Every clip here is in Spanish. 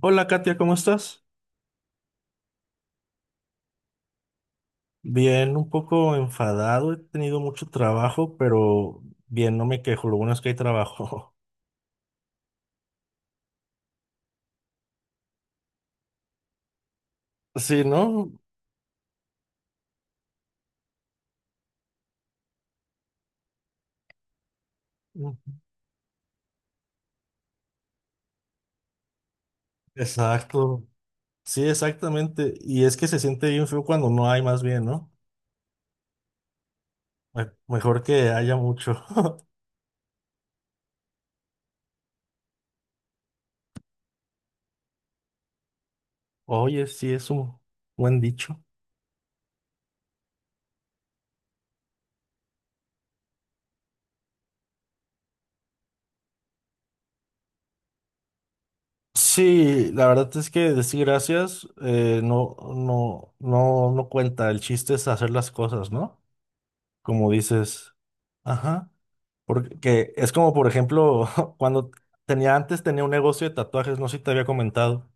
Hola, Katia, ¿cómo estás? Bien, un poco enfadado, he tenido mucho trabajo, pero bien, no me quejo, lo bueno es que hay trabajo. Sí, ¿no? Exacto, sí, exactamente. Y es que se siente bien feo cuando no hay, más bien, ¿no? Mejor que haya mucho. Oye, sí, es un buen dicho. Sí, la verdad es que decir gracias no, no, no, no cuenta. El chiste es hacer las cosas, ¿no? Como dices. Ajá. Porque es como, por ejemplo, cuando tenía antes, tenía un negocio de tatuajes, no sé si te había comentado.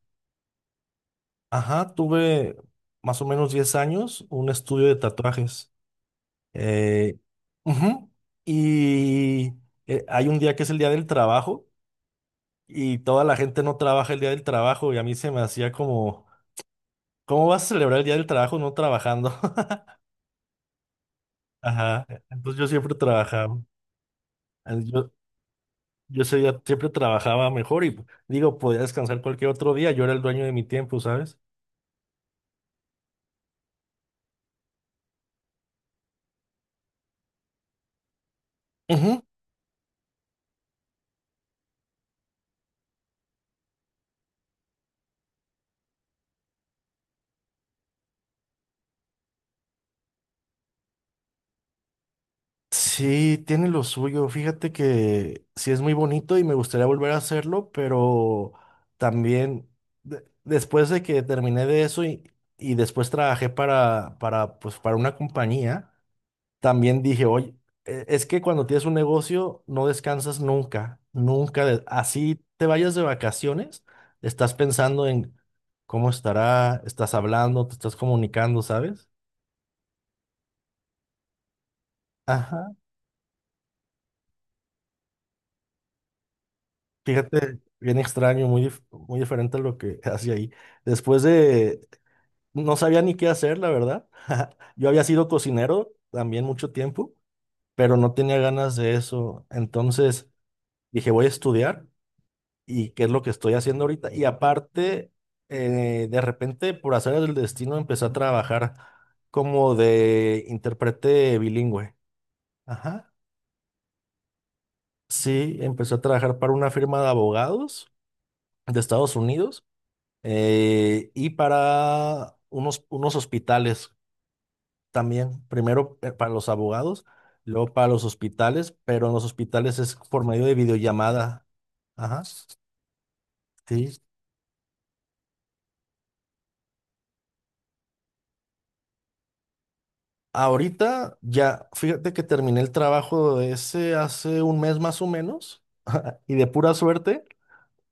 Ajá, tuve más o menos 10 años un estudio de tatuajes. Eh, ujú. Y hay un día que es el día del trabajo y toda la gente no trabaja el día del trabajo y a mí se me hacía como, ¿cómo vas a celebrar el día del trabajo no trabajando? Ajá, entonces yo siempre trabajaba. Yo ese día siempre trabajaba mejor y digo, podía descansar cualquier otro día. Yo era el dueño de mi tiempo, ¿sabes? Ujú. Sí, tiene lo suyo. Fíjate que sí es muy bonito y me gustaría volver a hacerlo, pero también después de que terminé de eso y después trabajé pues, para una compañía. También dije, oye, es que cuando tienes un negocio no descansas nunca, nunca. Así te vayas de vacaciones, estás pensando en cómo estará, estás hablando, te estás comunicando, ¿sabes? Ajá. Fíjate, bien extraño, muy, muy diferente a lo que hacía ahí. Después de, no sabía ni qué hacer, la verdad. Yo había sido cocinero también mucho tiempo, pero no tenía ganas de eso. Entonces dije, voy a estudiar. Y qué es lo que estoy haciendo ahorita. Y aparte, de repente, por hacer el destino, empecé a trabajar como de intérprete bilingüe. Ajá. Sí, empecé a trabajar para una firma de abogados de Estados Unidos y para unos hospitales también. Primero para los abogados, luego para los hospitales, pero en los hospitales es por medio de videollamada. Ajá. Sí. Ahorita ya, fíjate que terminé el trabajo de ese hace un mes más o menos y de pura suerte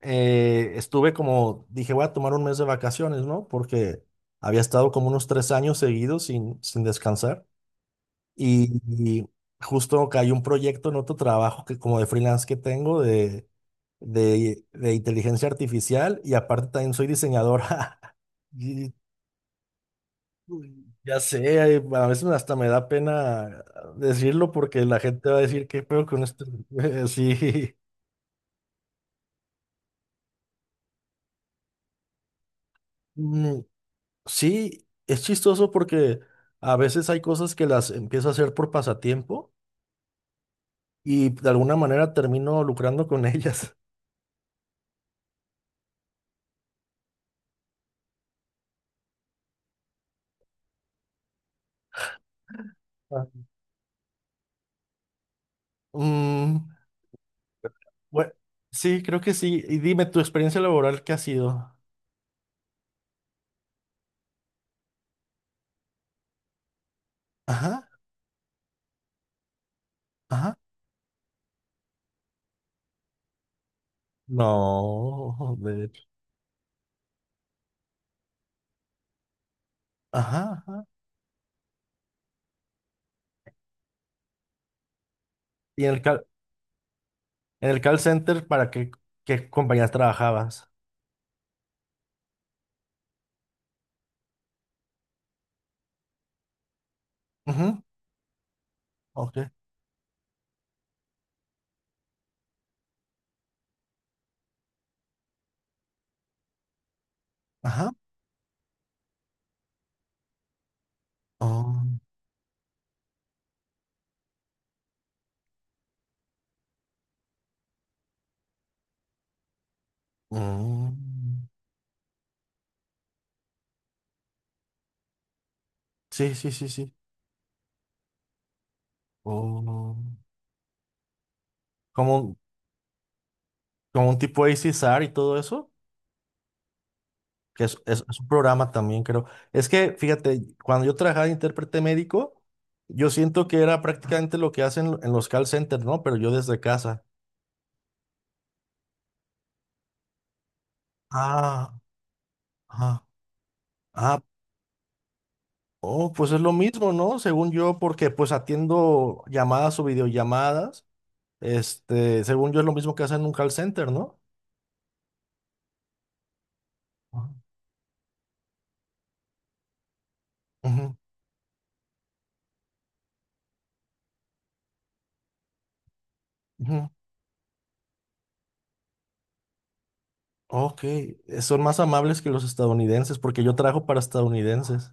estuve como, dije, voy a tomar un mes de vacaciones, ¿no? Porque había estado como unos 3 años seguidos sin descansar y justo cayó un proyecto en otro trabajo que como de freelance que tengo de inteligencia artificial y aparte también soy diseñador. Y ya sé, ay, a veces hasta me da pena decirlo porque la gente va a decir, ¿qué peor con esto? Sí. Mm, sí, es chistoso porque a veces hay cosas que las empiezo a hacer por pasatiempo y de alguna manera termino lucrando con ellas. Ah. Mm, bue- sí, creo que sí. Y dime, ¿tu experiencia laboral qué ha sido? Ajá, ajá. No, de hecho. Ajá, ajá. ¿Y en el en el call center para qué, qué compañías trabajabas? Ujú, ok. Ajá. Oh, mm. Sí, sí, sí, sí. Oh. Como, como un tipo ACSR y todo eso, que es, es un programa también, creo. Es que, fíjate, cuando yo trabajaba de intérprete médico, yo siento que era prácticamente lo que hacen en los call centers, ¿no? Pero yo desde casa. Ah, ah. Ah, oh, pues es lo mismo, ¿no? Según yo, porque pues atiendo llamadas o videollamadas. Este, según yo es lo mismo que hacen en un call center, ¿no? Ujú. Ujú. Ok, son más amables que los estadounidenses, porque yo trabajo para estadounidenses.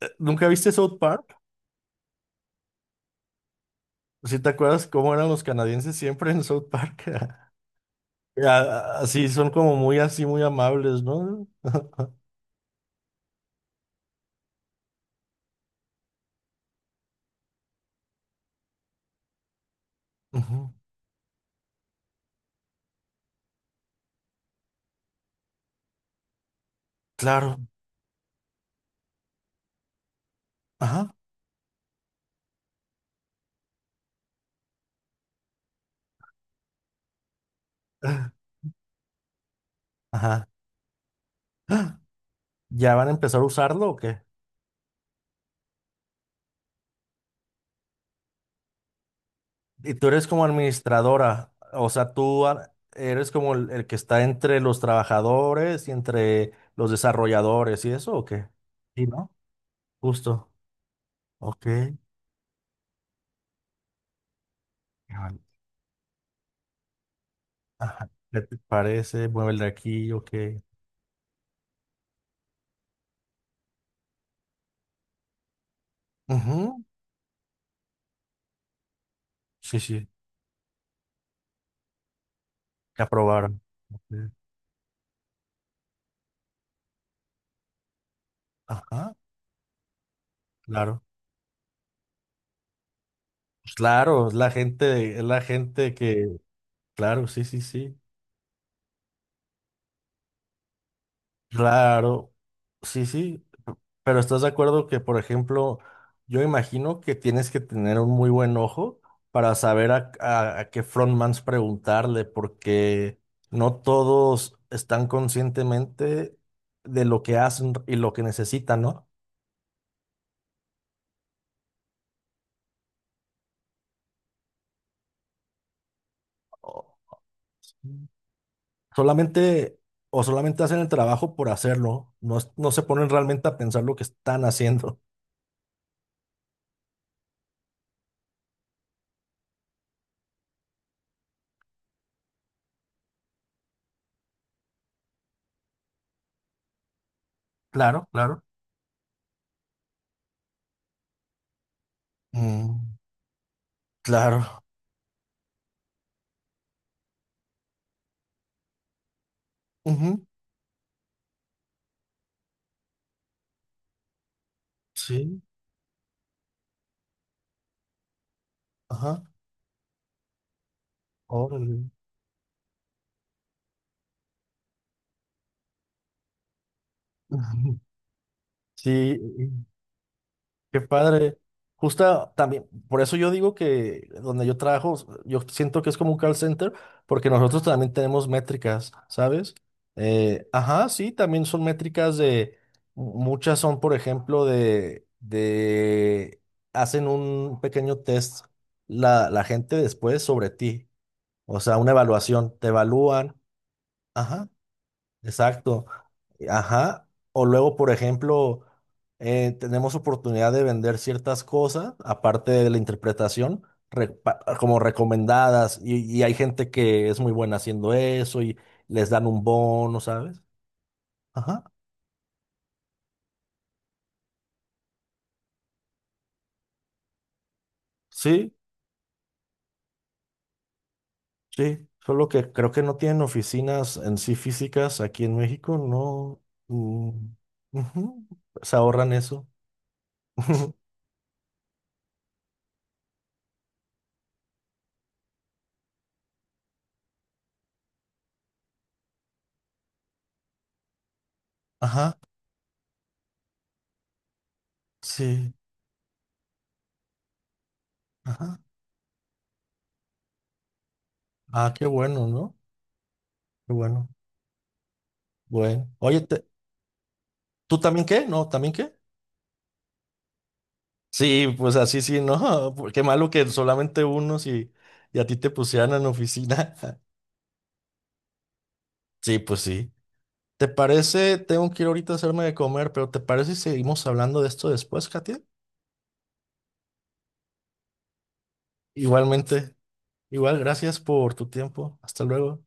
¿Nunca viste South Park? Si te acuerdas cómo eran los canadienses siempre en South Park? A- Así, son como muy así, muy amables, ¿no? Ujú. Claro. Ajá. Ajá. ¿Ya van a empezar a usarlo o qué? Y tú eres como administradora, o sea, eres como el que está entre los trabajadores y entre los desarrolladores y eso, o qué? Sí, ¿no? Justo. Ok. Ajá. Ajá. ¿Qué te parece? Mueve el de aquí, ok. Ujú. Sí, sí, te aprobaron. Ok. Ajá, claro. Pues claro, es la gente que, claro, sí, sí, sí. Claro, sí, sí. Pero estás de acuerdo que, por ejemplo, yo imagino que tienes que tener un muy buen ojo para saber a qué frontmans preguntarle, porque no todos están conscientemente de lo que hacen y lo que necesitan, ¿no? Solamente, o solamente hacen el trabajo por hacerlo, no, no se ponen realmente a pensar lo que están haciendo. Claro, claro. Mm, claro. Ujú. Sí, ajá. Órale. Sí. Qué padre. Justa también, por eso yo digo que donde yo trabajo, yo siento que es como un call center, porque nosotros también tenemos métricas, ¿sabes? Ajá, sí, también son métricas de, muchas son, por ejemplo, hacen un pequeño test la gente después sobre ti, o sea, una evaluación, te evalúan, ajá. Exacto. Ajá. O luego, por ejemplo, tenemos oportunidad de vender ciertas cosas, aparte de la interpretación, como recomendadas, y hay gente que es muy buena haciendo eso y les dan un bono, ¿sabes? Ajá. Sí, sí. Solo que creo que no tienen oficinas en sí físicas aquí en México, no. Mm, ujú. Se ahorran eso. Ajá. Sí. Ajá. Ah, qué bueno, ¿no? Qué bueno. Bueno, oye, te- ¿tú también qué? ¿No? ¿También qué? Sí, pues así sí, ¿no? Qué malo que solamente unos y a ti te pusieran en oficina. Sí, pues sí. ¿Te parece? Tengo que ir ahorita a hacerme de comer, pero ¿te parece si seguimos hablando de esto después, Katia? Igualmente. Igual, gracias por tu tiempo. Hasta luego.